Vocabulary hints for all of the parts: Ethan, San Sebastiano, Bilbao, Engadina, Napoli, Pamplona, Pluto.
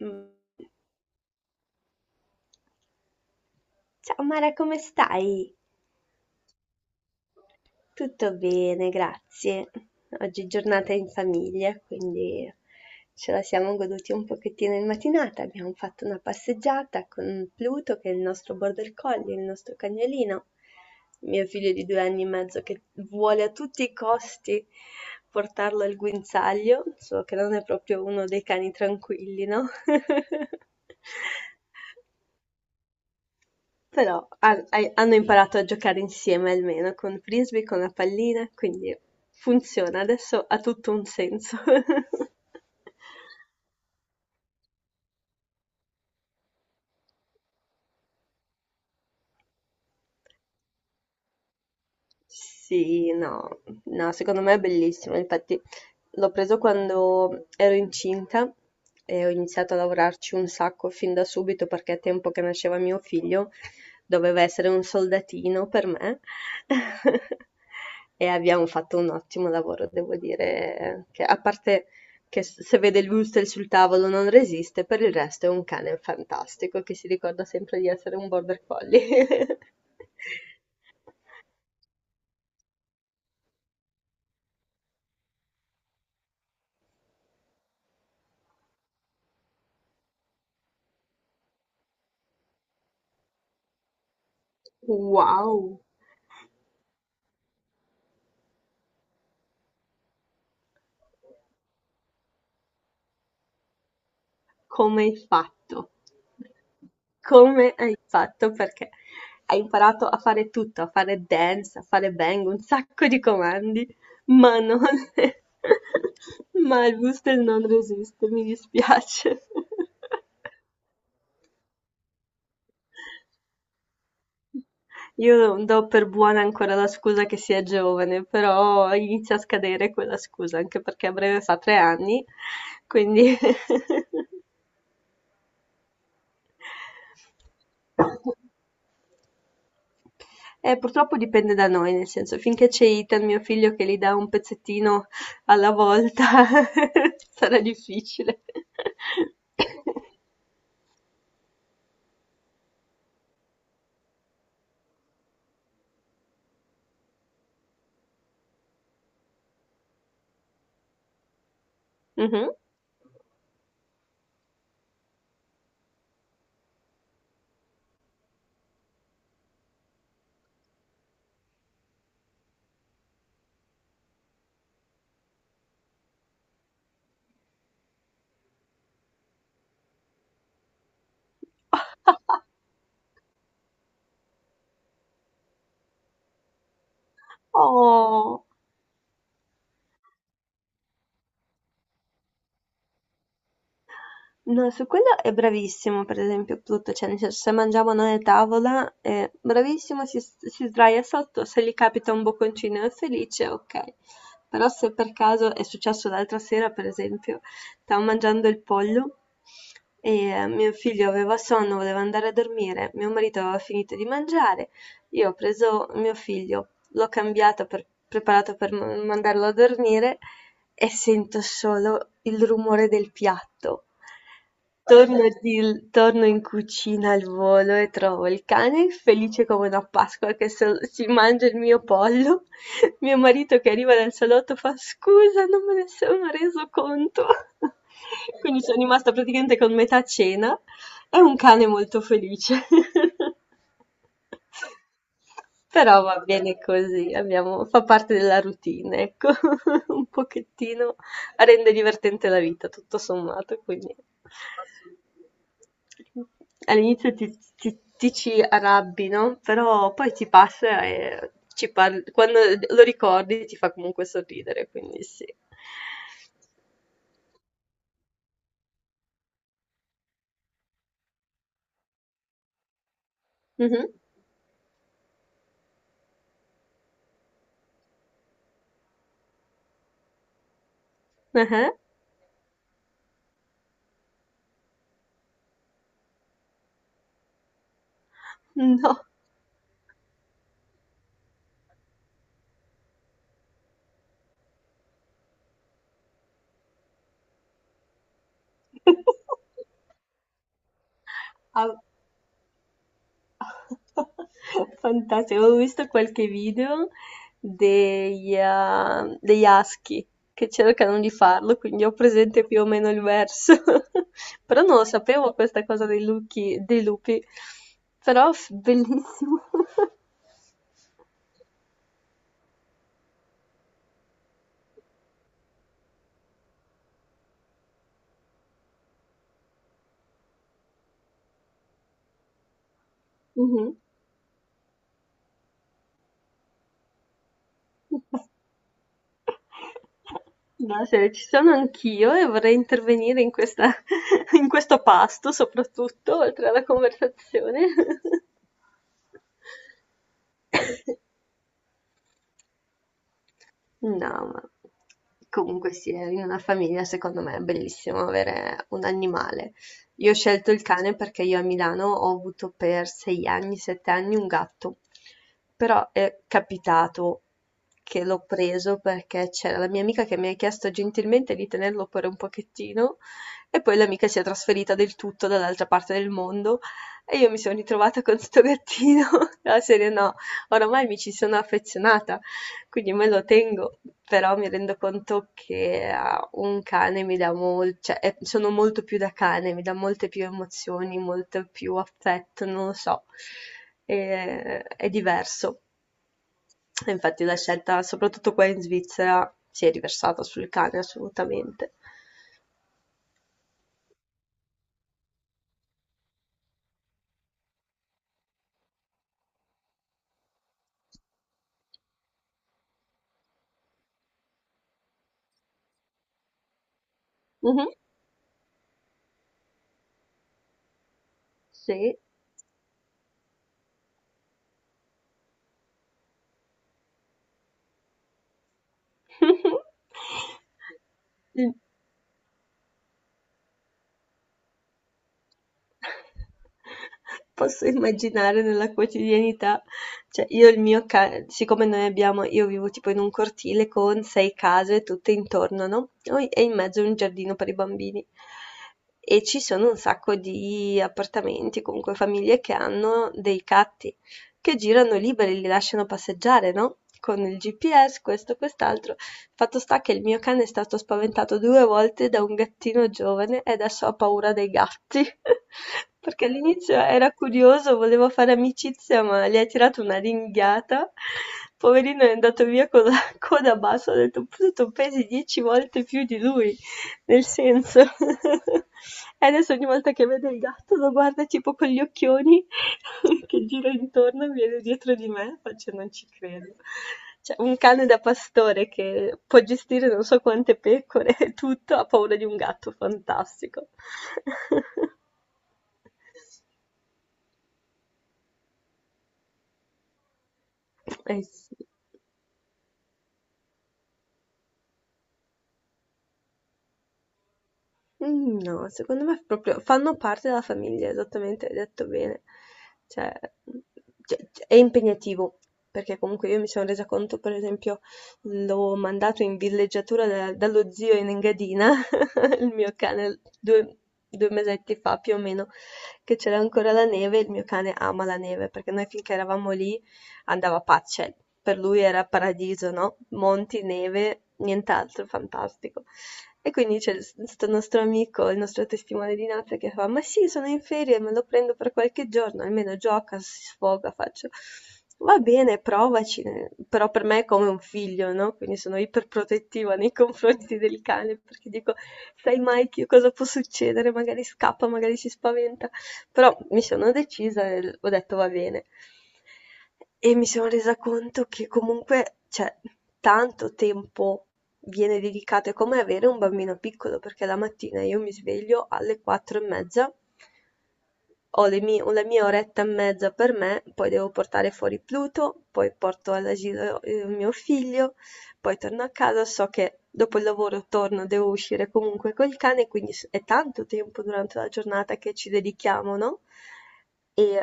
Mm. Ciao Mara, come stai? Tutto bene, grazie. Oggi è giornata in famiglia, quindi ce la siamo goduti un pochettino in mattinata. Abbiamo fatto una passeggiata con Pluto, che è il nostro border collie, il nostro cagnolino, mio figlio di 2 anni e mezzo che vuole a tutti i costi portarlo al guinzaglio, solo che non è proprio uno dei cani tranquilli, no? Però hanno imparato a giocare insieme almeno con frisbee, con la pallina, quindi funziona, adesso ha tutto un senso. Sì, no, no, secondo me è bellissimo. Infatti l'ho preso quando ero incinta e ho iniziato a lavorarci un sacco fin da subito perché a tempo che nasceva mio figlio doveva essere un soldatino per me. E abbiamo fatto un ottimo lavoro, devo dire, che a parte che se vede il Wurzel sul tavolo non resiste, per il resto è un cane fantastico che si ricorda sempre di essere un border collie. Wow! Come hai fatto? Come hai fatto? Perché hai imparato a fare tutto, a fare dance, a fare bang, un sacco di comandi, ma non... ma il whistle non resiste, mi dispiace. Io do per buona ancora la scusa che sia giovane, però inizia a scadere quella scusa, anche perché a breve fa 3 anni, quindi... purtroppo dipende da noi, nel senso, finché c'è Ethan, mio figlio, che gli dà un pezzettino alla volta, sarà difficile. Mhm. Oh. No, su quello è bravissimo, per esempio, Pluto, cioè nel senso, se mangiamo noi a tavola è bravissimo, si sdraia sotto, se gli capita un bocconcino è felice, ok. Però se per caso è successo l'altra sera, per esempio, stavo mangiando il pollo e mio figlio aveva sonno, voleva andare a dormire, mio marito aveva finito di mangiare, io ho preso mio figlio, l'ho cambiato per preparato per mandarlo a dormire e sento solo il rumore del piatto. Torno, torno in cucina al volo e trovo il cane felice come una Pasqua che si mangia il mio pollo. Mio marito che arriva dal salotto fa scusa, non me ne sono reso conto. Quindi sono rimasta praticamente con metà cena è un cane molto felice. Però va bene così, abbiamo fa parte della routine, ecco. Un pochettino rende divertente la vita, tutto sommato, quindi all'inizio ti ci arrabbi, no? Però poi ti passa e ci parli, quando lo ricordi ti fa comunque sorridere, quindi sì. Mhm, eh, no. Ah, fantastico, avevo visto qualche video degli husky che cercano di farlo, quindi ho presente più o meno il verso. Però non lo sapevo questa cosa dei lupi. Però bellissimo. Mhm. No, se ci sono anch'io e vorrei intervenire in questa, in questo pasto, soprattutto, oltre alla conversazione. No, ma comunque sì, in una famiglia secondo me è bellissimo avere un animale. Io ho scelto il cane perché io a Milano ho avuto per 6 anni, 7 anni un gatto, però è capitato che l'ho preso perché c'era la mia amica che mi ha chiesto gentilmente di tenerlo per un pochettino e poi l'amica si è trasferita del tutto dall'altra parte del mondo e io mi sono ritrovata con sto gattino, la serie no, oramai mi ci sono affezionata. Quindi me lo tengo, però mi rendo conto che a un cane mi dà molto, cioè sono molto più da cane, mi dà molte più emozioni, molto più affetto, non lo so, è diverso. E infatti la scelta, soprattutto qua in Svizzera, si è riversata sul cane assolutamente. Mhm, sì. Posso immaginare nella quotidianità, cioè io il mio ca siccome noi abbiamo io vivo tipo in un cortile con 6 case tutte intorno, no, noi e in mezzo un giardino per i bambini. E ci sono un sacco di appartamenti, comunque famiglie che hanno dei gatti che girano liberi, li lasciano passeggiare, no, con il GPS, questo, quest'altro. Fatto sta che il mio cane è stato spaventato 2 volte da un gattino giovane e adesso ha paura dei gatti. Perché all'inizio era curioso, voleva fare amicizia, ma gli ha tirato una ringhiata. Poverino è andato via con la coda bassa, ho detto, "Pure tu pesi 10 volte più di lui". Nel senso, e adesso ogni volta che vede il gatto lo guarda tipo con gli occhioni che gira intorno e viene dietro di me, faccio non ci credo. Cioè, un cane da pastore che può gestire non so quante pecore e tutto, ha paura di un gatto, fantastico. Eh sì. Mhmm, no, secondo me proprio fanno parte della famiglia, esattamente, hai detto bene. Cioè, mhmm, cioè, c è impegnativo, perché comunque io mi son resa conto, per esempio, l'ho mandato in villeggiatura da dallo zio in Engadina il mio cane due mesetti fa più o meno, che c'era ancora la neve, il mio cane ama la neve, perché noi finché eravamo lì andava pazzo, cioè, per lui era paradiso, no? Monti, neve, nient'altro, fantastico. E quindi c'è questo nostro amico, il nostro testimone di Napoli, che fa: Ma sì, sono in ferie, me lo prendo per qualche giorno, almeno gioca, si sfoga, faccio. Va bene, provaci, eh." però per me è come un figlio, no? Quindi sono iperprotettiva nei confronti del cane perché dico: sai mai che cosa può succedere, magari scappa, magari si spaventa, però mi sono decisa e ho detto va bene. E mi sono resa conto che comunque, cioè, tanto tempo viene dedicato, è come avere un bambino piccolo, perché la mattina io mi sveglio alle 4:30, ho la mia oretta e mezza per me, poi devo portare fuori Pluto, poi porto all'asilo mio figlio, poi torno a casa, so che dopo il lavoro torno, devo uscire comunque col cane, quindi è tanto tempo durante la giornata che ci dedichiamo, no? E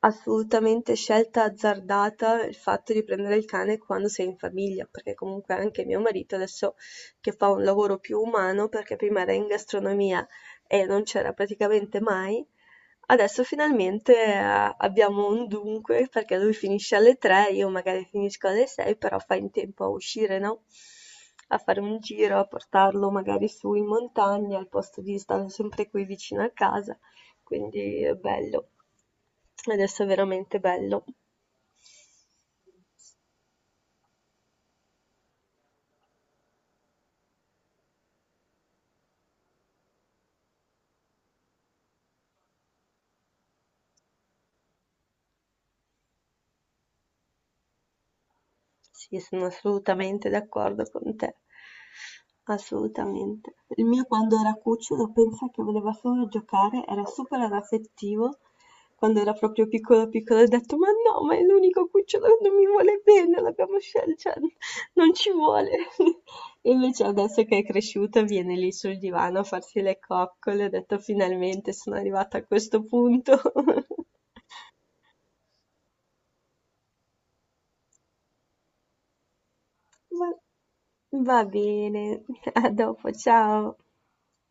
assolutamente scelta azzardata il fatto di prendere il cane quando sei in famiglia, perché comunque anche mio marito adesso che fa un lavoro più umano, perché prima era in gastronomia e non c'era praticamente mai. Adesso finalmente abbiamo un dunque, perché lui finisce alle 3, io magari finisco alle 6, però fa in tempo a uscire, no? A fare un giro, a portarlo magari su in montagna, al posto di stare sempre qui vicino a casa. Quindi è bello. Adesso è veramente bello. Sì, sono assolutamente d'accordo con te. Assolutamente. Il mio quando era cucciolo pensa che voleva solo giocare, era super anaffettivo. Quando era proprio piccolo piccolo ho detto, ma no, ma è l'unico cucciolo che non mi vuole bene, l'abbiamo scelto, cioè, non ci vuole. E invece adesso che è cresciuto viene lì sul divano a farsi le coccole, ho detto finalmente sono arrivata a questo punto. Va va bene, a dopo, ciao.